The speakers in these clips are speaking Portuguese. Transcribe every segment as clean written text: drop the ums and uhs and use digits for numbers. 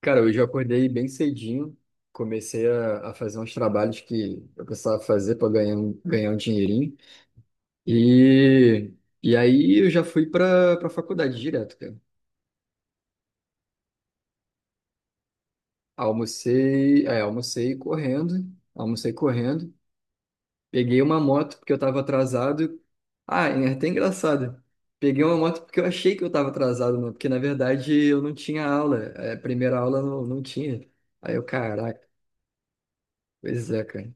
Cara, hoje eu acordei bem cedinho, comecei a fazer uns trabalhos que eu precisava fazer para ganhar, ganhar um dinheirinho. E, e aí eu já fui para para faculdade direto, cara. Almocei, é, almocei correndo, almocei correndo. Peguei uma moto porque eu estava atrasado. Ah, é até engraçado. Peguei uma moto porque eu achei que eu estava atrasado, né? Porque na verdade eu não tinha aula. É, a primeira aula não tinha. Aí eu, caraca, pois é, cara.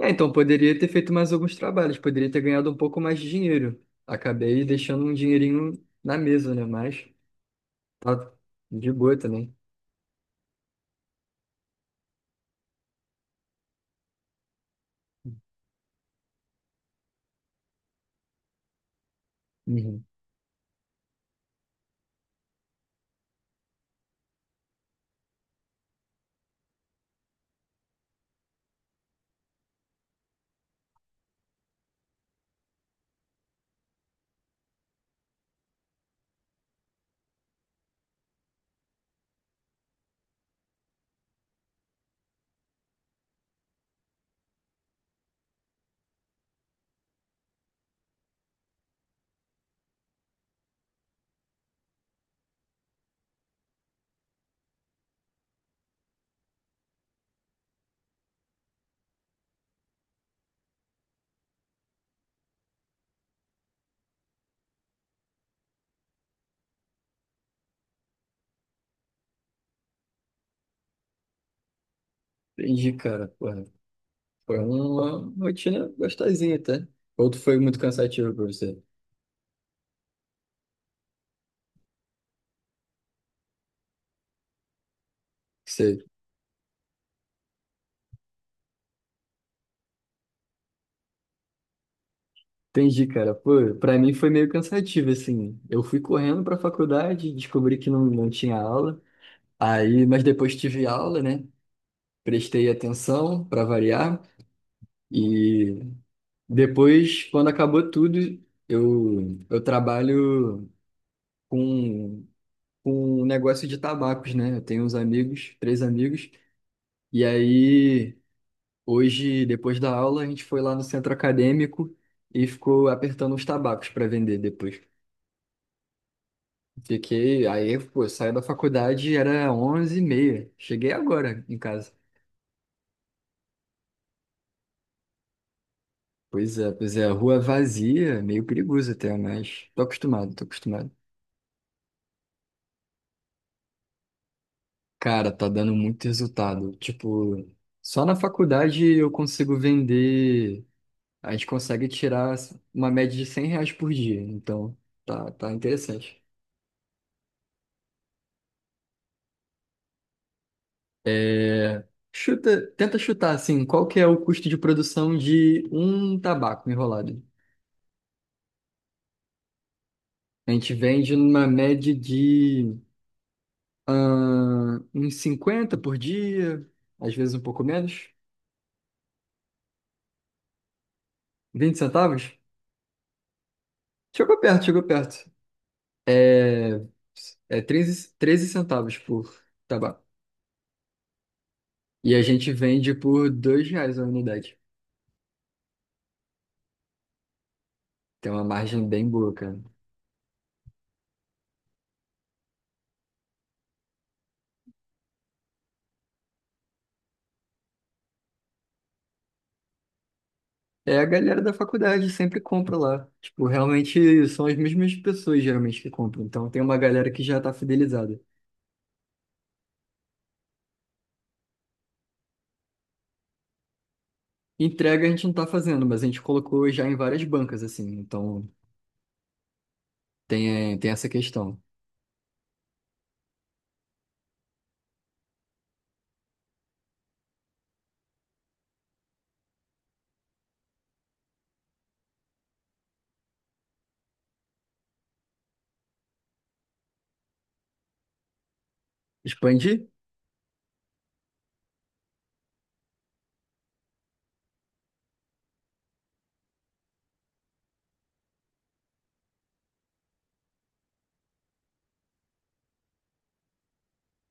É, então poderia ter feito mais alguns trabalhos, poderia ter ganhado um pouco mais de dinheiro. Acabei deixando um dinheirinho na mesa, né? Mas tá de boa também. Uhum. Entendi, cara. Porra. Foi uma rotina gostosinha, tá? Ou tu foi muito cansativo pra você? Sei. Entendi, cara. Pô, pra mim foi meio cansativo, assim. Eu fui correndo pra faculdade, descobri que não tinha aula. Aí, mas depois tive aula, né? Prestei atenção pra variar. E depois, quando acabou tudo, eu trabalho com, com um negócio de tabacos, né? Eu tenho uns amigos, três amigos, e aí hoje, depois da aula, a gente foi lá no centro acadêmico e ficou apertando os tabacos para vender depois. Fiquei, aí, pô, eu saí da faculdade, era onze e meia. Cheguei agora em casa. Pois é, rua vazia, meio perigoso até, mas tô acostumado, tô acostumado. Cara, tá dando muito resultado. Tipo, só na faculdade eu consigo vender. A gente consegue tirar uma média de 100 reais por dia. Então, tá, tá interessante. É, chuta, tenta chutar, assim, qual que é o custo de produção de um tabaco enrolado? A gente vende numa média de ah, uns 50 por dia, às vezes um pouco menos. Vinte centavos? Chegou perto, chegou perto. É, é 13, 13 centavos por tabaco. E a gente vende por dois reais a unidade. Tem uma margem bem boa, cara. É, a galera da faculdade sempre compra lá. Tipo, realmente são as mesmas pessoas geralmente que compram. Então tem uma galera que já tá fidelizada. Entrega a gente não tá fazendo, mas a gente colocou já em várias bancas, assim. Então tem, é, tem essa questão. Expandir?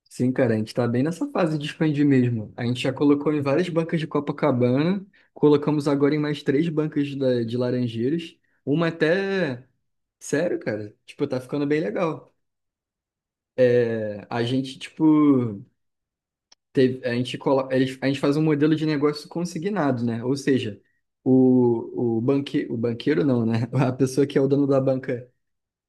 Sim, cara, a gente tá bem nessa fase de expandir mesmo. A gente já colocou em várias bancas de Copacabana, colocamos agora em mais três bancas de Laranjeiras, uma até. Sério, cara, tipo, tá ficando bem legal. É, a gente, tipo, teve, a gente, a gente faz um modelo de negócio consignado, né? Ou seja, o banqueiro não, né? A pessoa que é o dono da banca.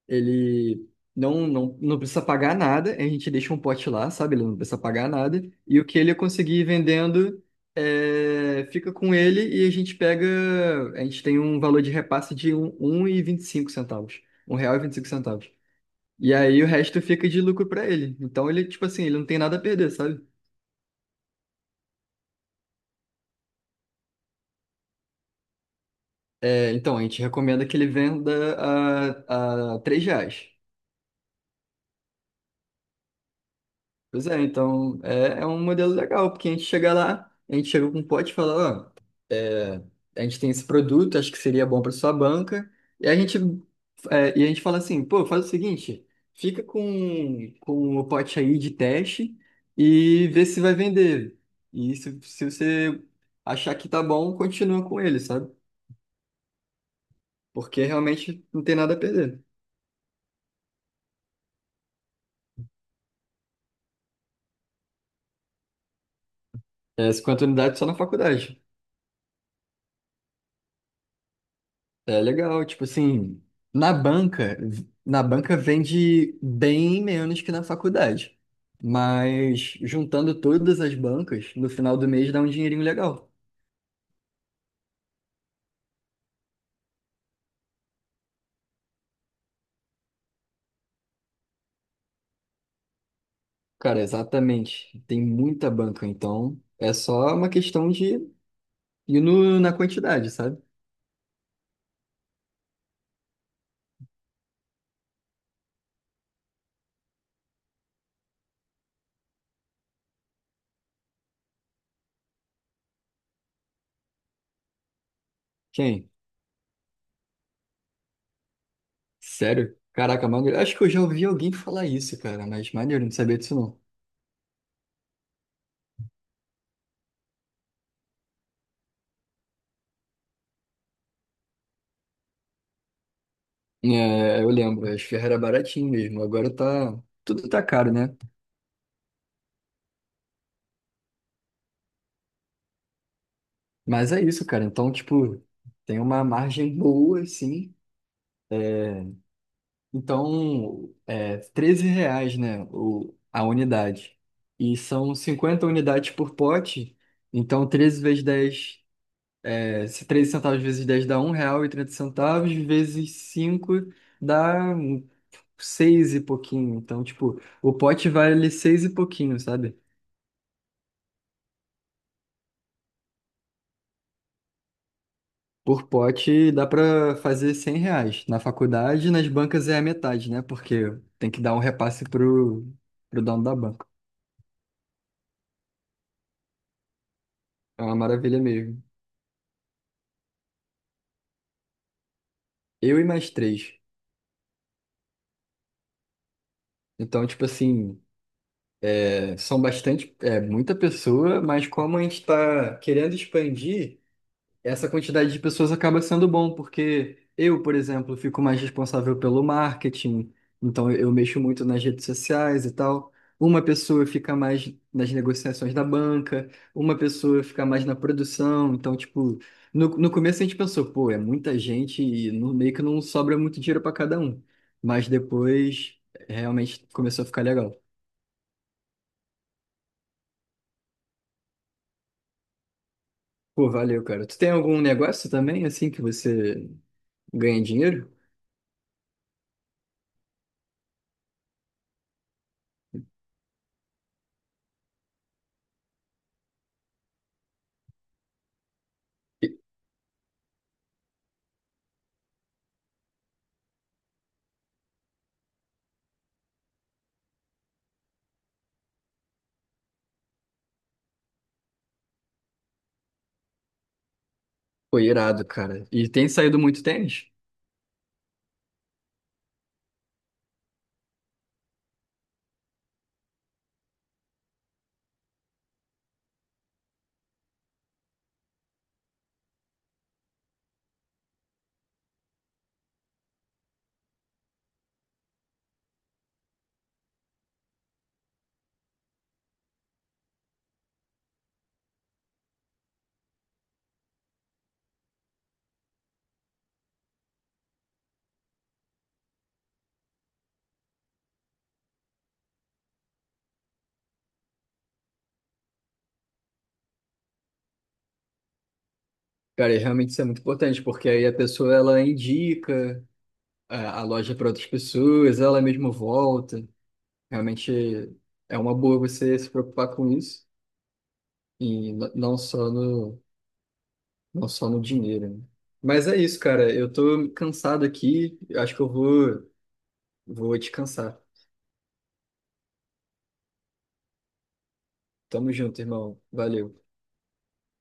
Ele não precisa pagar nada, a gente deixa um pote lá, sabe? Ele não precisa pagar nada. E o que ele conseguir vendendo é, fica com ele e a gente pega. A gente tem um valor de repasse de um e vinte e cinco centavos. Um real e 25 centavos. E aí o resto fica de lucro para ele. Então ele, tipo assim, ele não tem nada a perder, sabe? É, então a gente recomenda que ele venda a 3 reais. Pois é, então é um modelo legal, porque a gente chega lá, a gente chega com um pote e fala, ó, é, a gente tem esse produto, acho que seria bom para sua banca, e a gente, é, e a gente fala assim, pô, faz o seguinte, fica com o pote aí de teste e vê se vai vender. E se você achar que tá bom, continua com ele, sabe? Porque realmente não tem nada a perder. É 50 unidades só na faculdade. É legal, tipo assim, na banca, na banca vende bem menos que na faculdade. Mas juntando todas as bancas, no final do mês dá um dinheirinho legal. Cara, exatamente. Tem muita banca, então é só uma questão de ir na quantidade, sabe? Quem? Sério? Caraca, mano, acho que eu já ouvi alguém falar isso, cara, mas maneiro, não sabia disso não. É, eu lembro, as ferras era baratinho mesmo, agora tá, tudo tá caro, né? Mas é isso, cara. Então, tipo, tem uma margem boa, assim. É, então, é 13 reais, né, a unidade. E são 50 unidades por pote. Então, 13 vezes 10 é, se 13 centavos vezes 10 dá um real e trinta centavos vezes 5 dá 6 e pouquinho. Então, tipo, o pote vale 6 e pouquinho, sabe? Por pote dá para fazer 100 reais. Na faculdade, nas bancas é a metade, né? Porque tem que dar um repasse pro, pro dono da banca. É uma maravilha mesmo. Eu e mais três. Então, tipo assim, é, são bastante, é muita pessoa, mas como a gente está querendo expandir. Essa quantidade de pessoas acaba sendo bom, porque eu, por exemplo, fico mais responsável pelo marketing, então eu mexo muito nas redes sociais e tal. Uma pessoa fica mais nas negociações da banca, uma pessoa fica mais na produção. Então, tipo, no começo a gente pensou, pô, é muita gente e no, meio que não sobra muito dinheiro para cada um. Mas depois realmente começou a ficar legal. Pô, valeu, cara. Tu tem algum negócio também, assim, que você ganha dinheiro? Foi irado, cara. E tem saído muito tênis. Cara, e realmente isso é muito importante, porque aí a pessoa ela indica a loja para outras pessoas, ela mesma volta. Realmente é uma boa você se preocupar com isso e não só no, não só no dinheiro, né? Mas é isso, cara. Eu tô cansado aqui. Acho que eu vou, vou descansar. Tamo junto, irmão. Valeu.